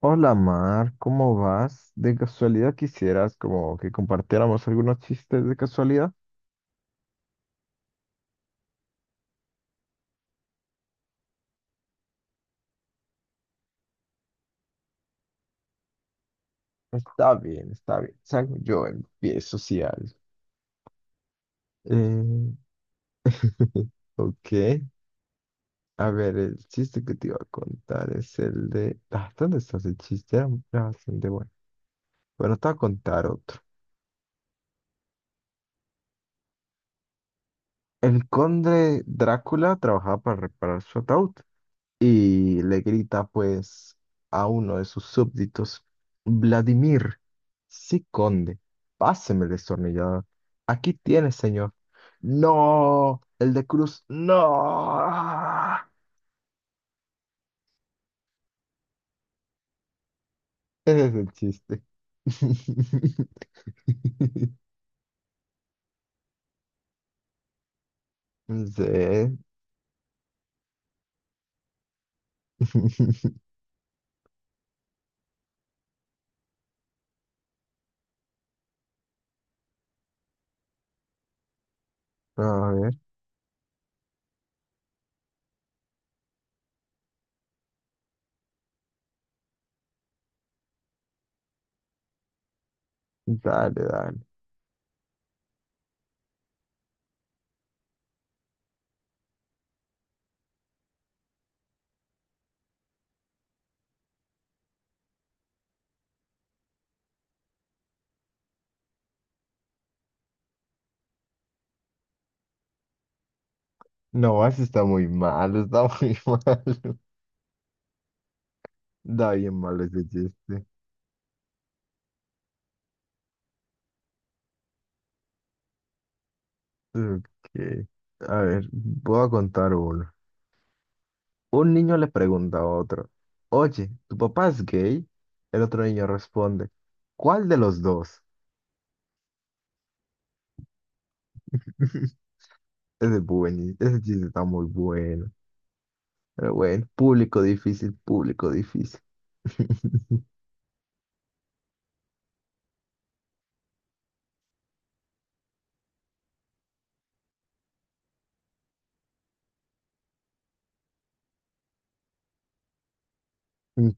Hola Mar, ¿cómo vas? ¿De casualidad quisieras como que compartiéramos algunos chistes de casualidad? Está bien, está bien. Salgo yo empiezo si algo. Eh, ok. A ver, el chiste que te iba a contar es el de... Ah, ¿dónde está ese chiste? Era bastante bueno. Bueno, te voy a contar otro. El conde Drácula trabajaba para reparar su ataúd y le grita pues a uno de sus súbditos, Vladimir. Sí, conde, páseme el destornillador. Aquí tiene, señor. No, el de cruz, no. Ese es el chiste. Sí. A ver, dale, dale. No, ese está muy mal, está muy mal. Da bien mal ese chiste. Ok. A ver, voy a contar uno. Un niño le pregunta a otro, oye, ¿tu papá es gay? El otro niño responde, ¿cuál de los dos? Ese, es buen, ese chiste está muy bueno. Pero bueno, público difícil, público difícil.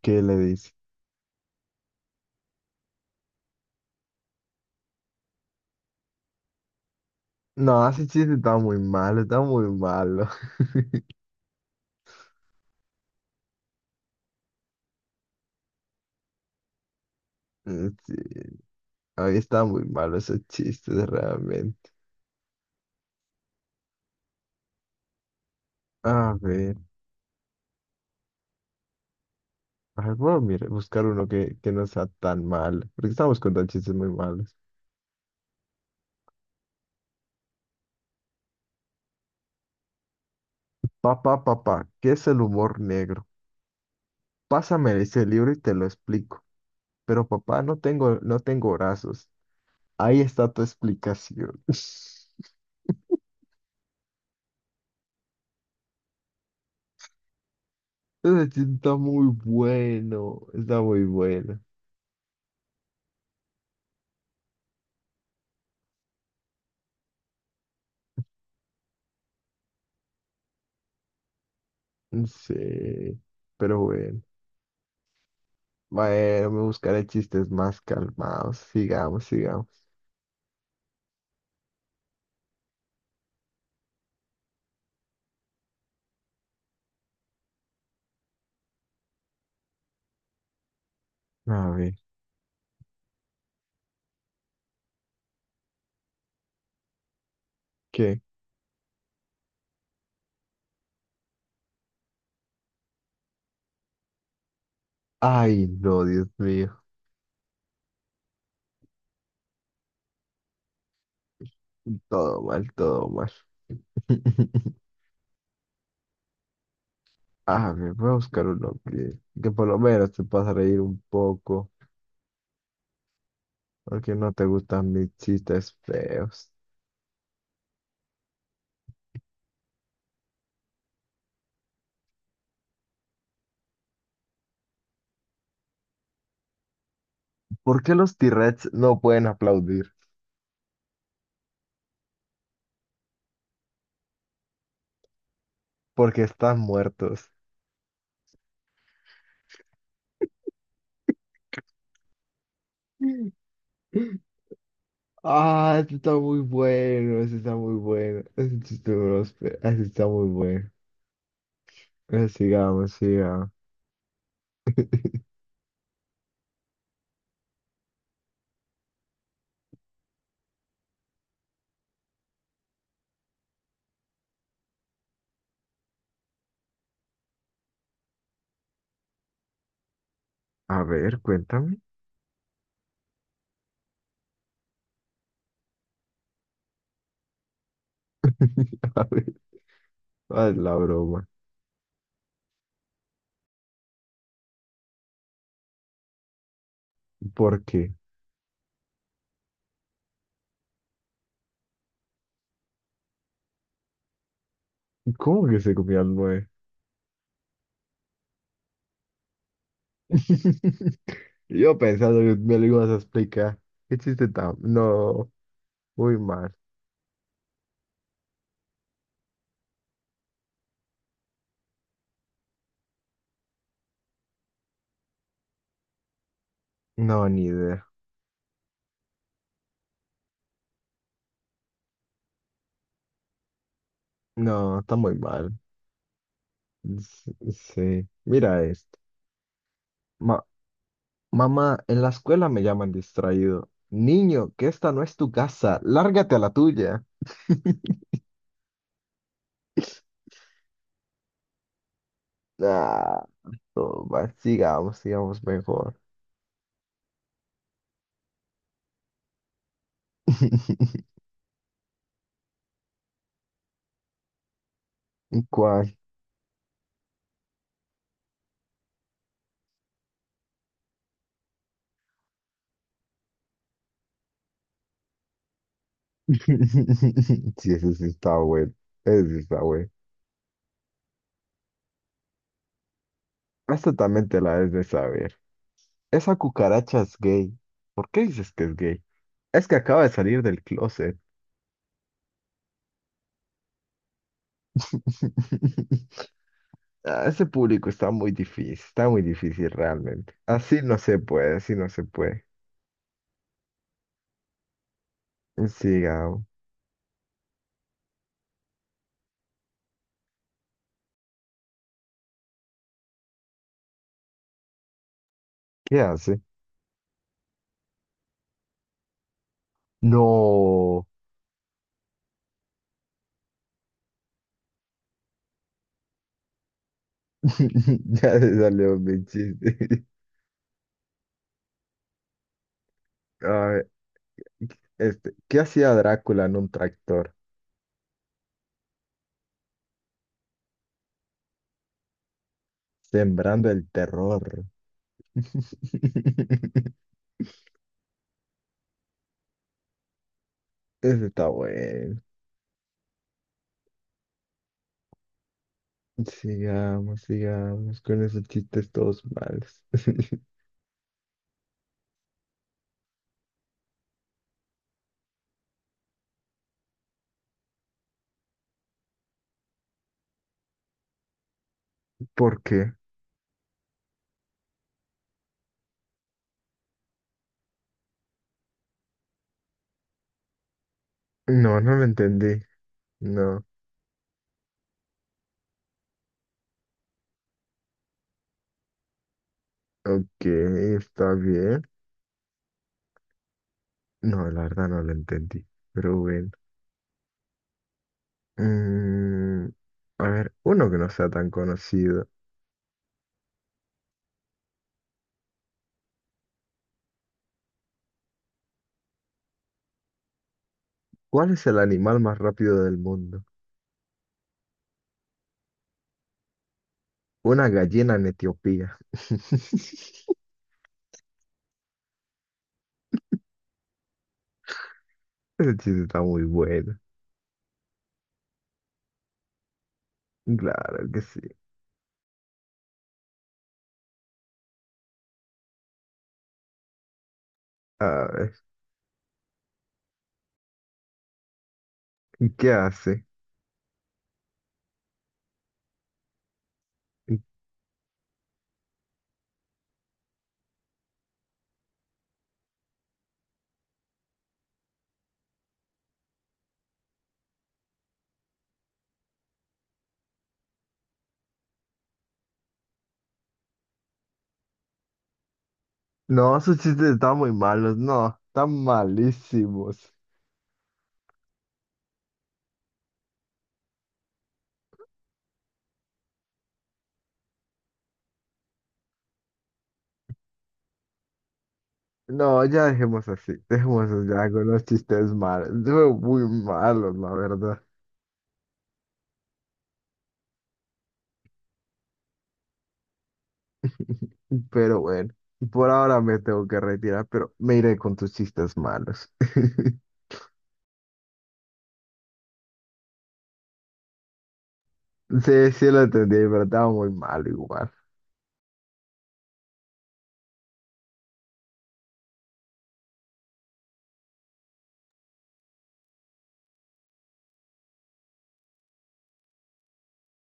¿Qué le dice? No, ese chiste está muy malo, está muy malo. Sí, ahí está muy malo esos chistes realmente. A ver, ay, voy a buscar uno que no sea tan malo, porque estamos contando chistes muy malos. Papá, papá, ¿qué es el humor negro? Pásame ese libro y te lo explico. Pero papá, no tengo brazos. Ahí está tu explicación. Ese chiste está muy bueno, está muy bueno. Sí, pero bueno. Bueno, me buscaré chistes más calmados. Sigamos, sigamos. A ver, ¿qué? Ay, no, Dios mío. Todo mal, todo mal. A ver, voy a buscar uno que por lo menos te pasa a reír un poco. Porque no te gustan mis chistes feos. ¿Por qué los T-Rex no pueden aplaudir? Porque están muertos. Ah, este está muy bueno, este está muy bueno. Este este está muy bueno. Sigamos, sigamos. A ver, cuéntame. A ver, haz la broma. ¿Por qué? ¿Cómo que se comió al nueve? Yo pensando que me lo ibas a explicar. ¿Qué chiste tan? No, muy mal. No, ni idea. No, está muy mal. S- Sí, mira esto. Ma- mamá, en la escuela me llaman distraído. Niño, que esta no es tu casa, lárgate a la tuya. Ah, no, va, sigamos, sigamos mejor. ¿Cuál? Sí, ese sí está bueno. Ese sí está bueno. Esta también te la debes de saber. Esa cucaracha es gay. ¿Por qué dices que es gay? Es que acaba de salir del closet. Ah, ese público está muy difícil realmente. Así no se puede, así no se puede. Sigamos. ¿Qué hace? No. Ya se salió mi chiste. A ver, este, ¿qué hacía Drácula en un tractor? Sembrando el terror. Ese está bueno. Sigamos, sigamos con esos chistes todos malos. ¿Por qué? No, no lo entendí. No. Ok, está bien. No, la verdad no lo entendí. Pero bueno. Mm, a ver, uno que no sea tan conocido. ¿Cuál es el animal más rápido del mundo? Una gallina en Etiopía. Ese chiste está muy bueno. Claro que sí. A ver, ¿y ¿qué hace? No, esos chistes están muy malos. No, están malísimos. No, ya dejemos así. Dejemos ya con los chistes malos. Son muy malos, la verdad. Pero bueno, por ahora me tengo que retirar, pero me iré con tus chistes malos. Sí, sí lo entendí, pero estaba muy malo igual.